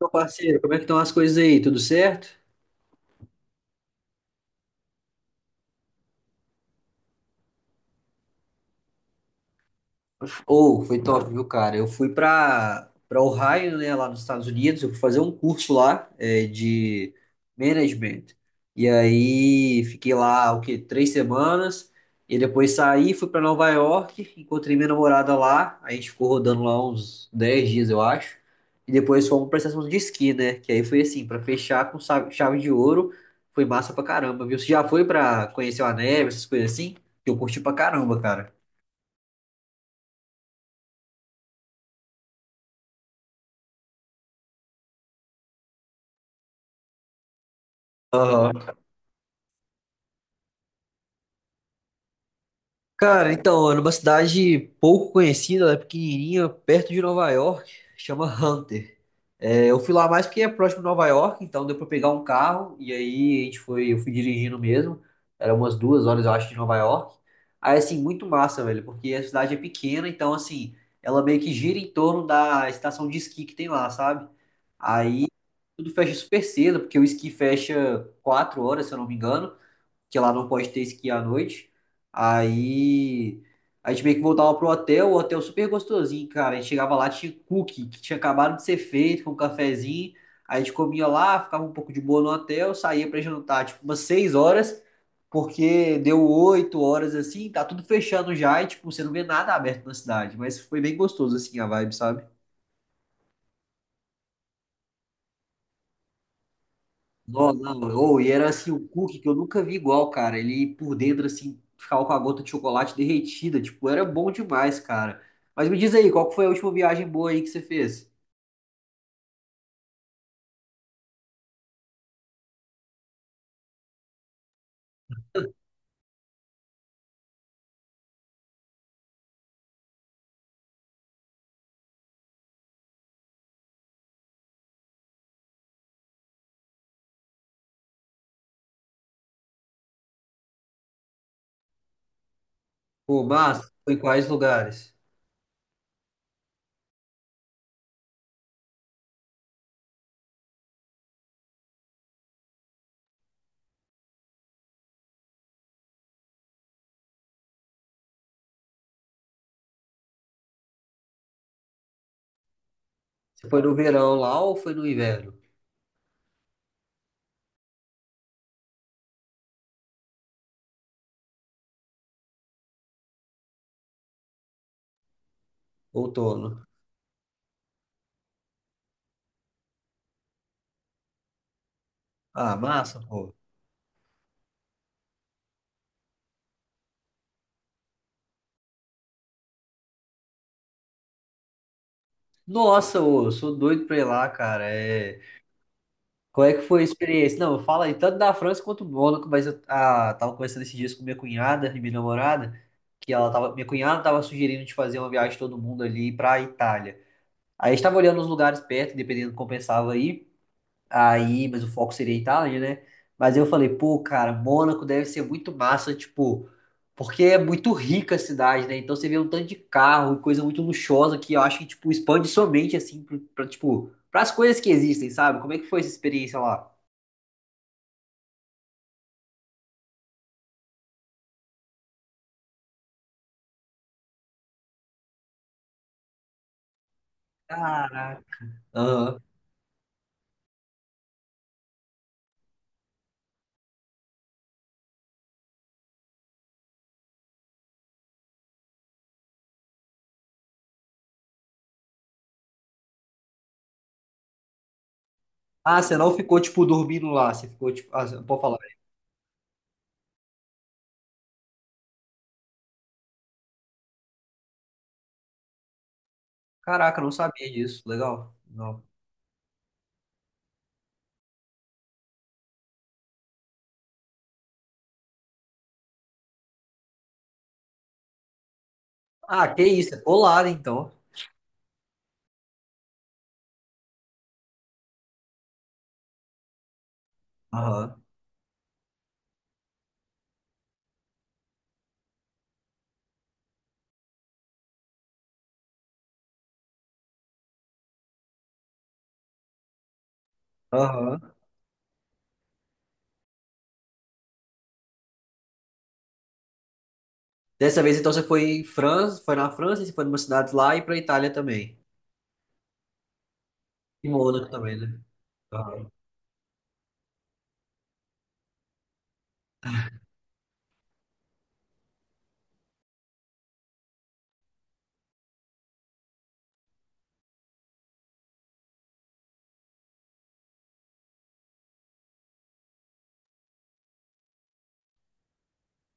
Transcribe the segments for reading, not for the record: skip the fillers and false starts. Meu parceiro, como é que estão as coisas aí? Tudo certo? Ou foi top, viu, cara? Eu fui para Ohio, né, lá nos Estados Unidos, eu fui fazer um curso lá de management. E aí fiquei lá o quê? 3 semanas. E depois saí, fui para Nova York, encontrei minha namorada lá. A gente ficou rodando lá uns 10 dias, eu acho. E depois fomos para estação de esqui, né? Que aí foi assim, para fechar com chave de ouro. Foi massa pra caramba, viu? Você já foi pra conhecer a neve, essas coisas assim? Eu curti pra caramba, cara. Aham. Cara, então, é numa cidade pouco conhecida, ela é pequenininha, perto de Nova York, chama Hunter. É, eu fui lá mais porque é próximo de Nova York, então deu pra pegar um carro, e aí a gente foi, eu fui dirigindo mesmo, era umas 2 horas, eu acho, de Nova York. Aí, assim, muito massa, velho, porque a cidade é pequena, então, assim, ela meio que gira em torno da estação de esqui que tem lá, sabe? Aí tudo fecha super cedo, porque o esqui fecha 4 horas, se eu não me engano, que lá não pode ter esqui à noite. Aí a gente meio que voltava pro hotel, o hotel super gostosinho, cara. A gente chegava lá, tinha cookie que tinha acabado de ser feito com um cafezinho. Aí a gente comia lá, ficava um pouco de boa no hotel, saía pra jantar tipo umas 6 horas, porque deu 8 horas assim, tá tudo fechando já e tipo, você não vê nada aberto na cidade, mas foi bem gostoso assim a vibe, sabe? Não, não. Ou, e era assim, o cookie que eu nunca vi igual, cara. Ele por dentro, assim, ficava com a gota de chocolate derretida. Tipo, era bom demais, cara. Mas me diz aí, qual que foi a última viagem boa aí que você fez? Pô, massa, foi em quais lugares? Você foi no verão lá ou foi no inverno? Outono. Ah, massa, pô. Nossa, ô, eu sou doido pra ir lá, cara. É. Qual é que foi a experiência? Não, fala aí tanto da França quanto do Mônaco, mas eu ah, tava conversando esses dias com minha cunhada e minha namorada, que ela tava, minha cunhada tava sugerindo de fazer uma viagem todo mundo ali pra Itália. Aí a gente tava olhando os lugares perto, dependendo do que compensava aí, mas o foco seria a Itália, né? Mas eu falei, pô, cara, Mônaco deve ser muito massa, tipo, porque é muito rica a cidade, né? Então você vê um tanto de carro, coisa muito luxuosa que eu acho que, tipo, expande somente assim, pra, tipo, pras coisas que existem, sabe? Como é que foi essa experiência lá? Caraca. Aham. Ah, você não ficou, tipo, dormindo lá. Você ficou, tipo, ah, você- pode falar. Caraca, eu não sabia disso. Legal. Não. Ah, que isso. Você né, então. Aham. Aham. Dessa vez, então, você foi em França, foi na França, você foi numa cidade lá e pra Itália também. E Mônaco também, né? Aham.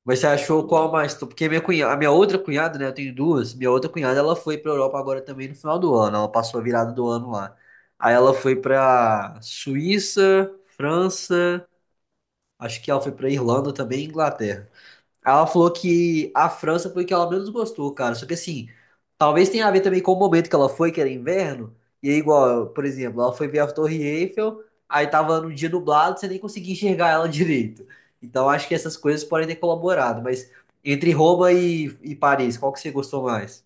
Mas você achou qual mais? Porque minha cunhada, a minha outra cunhada, né? Eu tenho duas. Minha outra cunhada, ela foi pra Europa agora também no final do ano. Ela passou a virada do ano lá. Aí ela foi pra Suíça, França. Acho que ela foi pra Irlanda também e Inglaterra. Ela falou que a França foi que ela menos gostou, cara. Só que assim, talvez tenha a ver também com o momento que ela foi, que era inverno. E aí, igual, por exemplo, ela foi ver a Torre Eiffel, aí tava num dia nublado, você nem conseguia enxergar ela direito. Então acho que essas coisas podem ter colaborado. Mas entre Roma e Paris, qual que você gostou mais?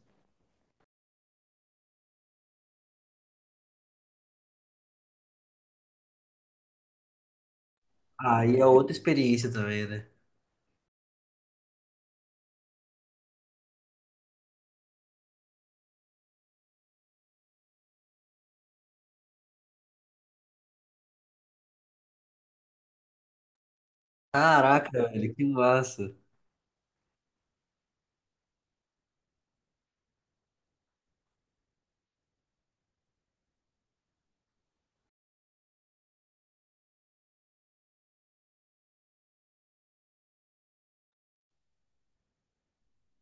Aí é outra experiência também, né? Caraca, velho, que massa.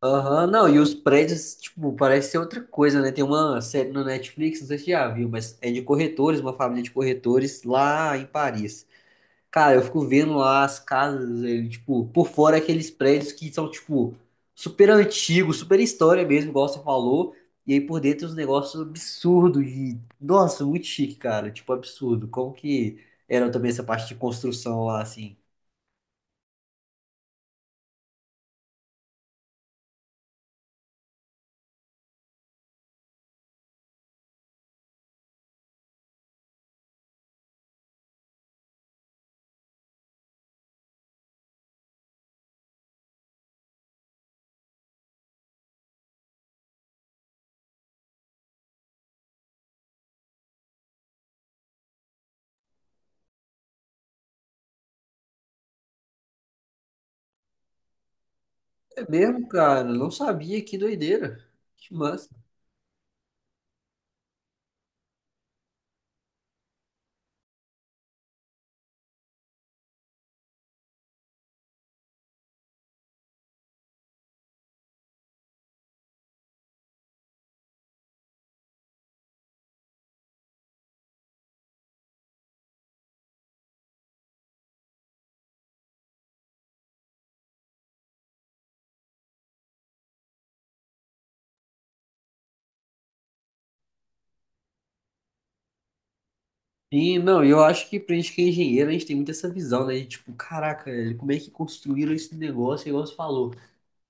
Aham, não, e os prédios, tipo, parece ser outra coisa, né? Tem uma série no Netflix, não sei se você já viu, mas é de corretores, uma família de corretores lá em Paris. Cara, eu fico vendo lá as casas, eh, tipo, por fora aqueles prédios que são, tipo, super antigos, super história mesmo, igual você falou, e aí por dentro os negócios absurdos e, nossa, muito chique, cara, tipo, absurdo. Como que era também essa parte de construção lá, assim? É mesmo, cara, não sabia, que doideira. Que massa. E não, eu acho que pra gente que é engenheiro, a gente tem muito essa visão, né? De, tipo, caraca, velho, como é que construíram esse negócio, igual você falou,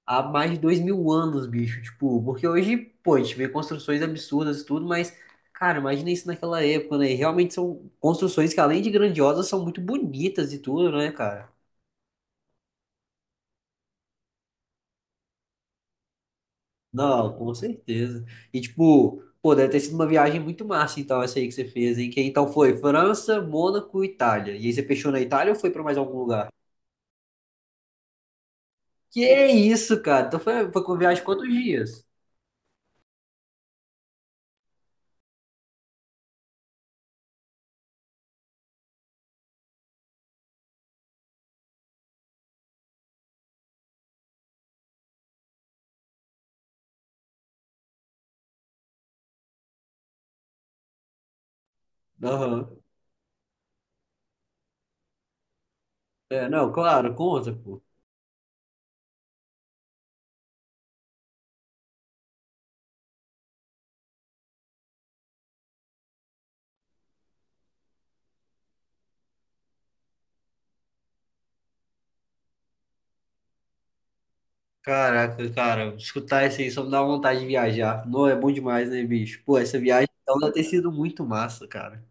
há mais de 2.000 anos, bicho. Tipo, porque hoje, pô, a gente vê construções absurdas e tudo, mas, cara, imagina isso naquela época, né? E realmente são construções que, além de grandiosas, são muito bonitas e tudo, né, cara? Não, com certeza. E, tipo, pô, deve ter sido uma viagem muito massa, então, essa aí que você fez, hein? Que então foi França, Mônaco, Itália. E aí você fechou na Itália ou foi pra mais algum lugar? Que isso, cara? Então foi, foi com viagem quantos dias? Aham. É, não, claro, conta, pô. Caraca, cara, escutar isso aí só me dá vontade de viajar. Não, é bom demais, né, bicho? Pô, essa viagem então deve ter sido muito massa, cara.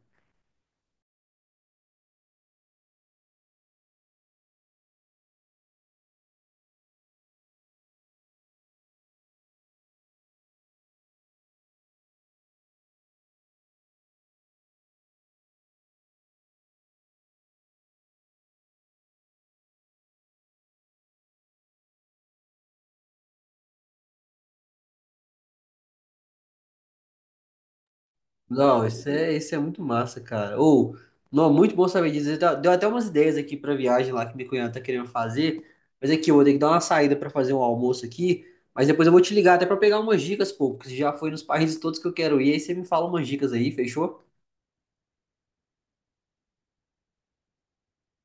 Não, isso é muito massa, cara. Ou, não, muito bom saber disso. Deu até umas ideias aqui pra viagem lá que minha cunhada tá querendo fazer. Mas aqui, eu vou ter que dar uma saída pra fazer um almoço aqui. Mas depois eu vou te ligar até pra pegar umas dicas, pô, porque você já foi nos países todos que eu quero ir. Aí você me fala umas dicas aí, fechou?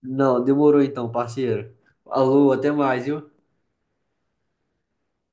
Não, demorou então, parceiro. Alô, até mais, viu?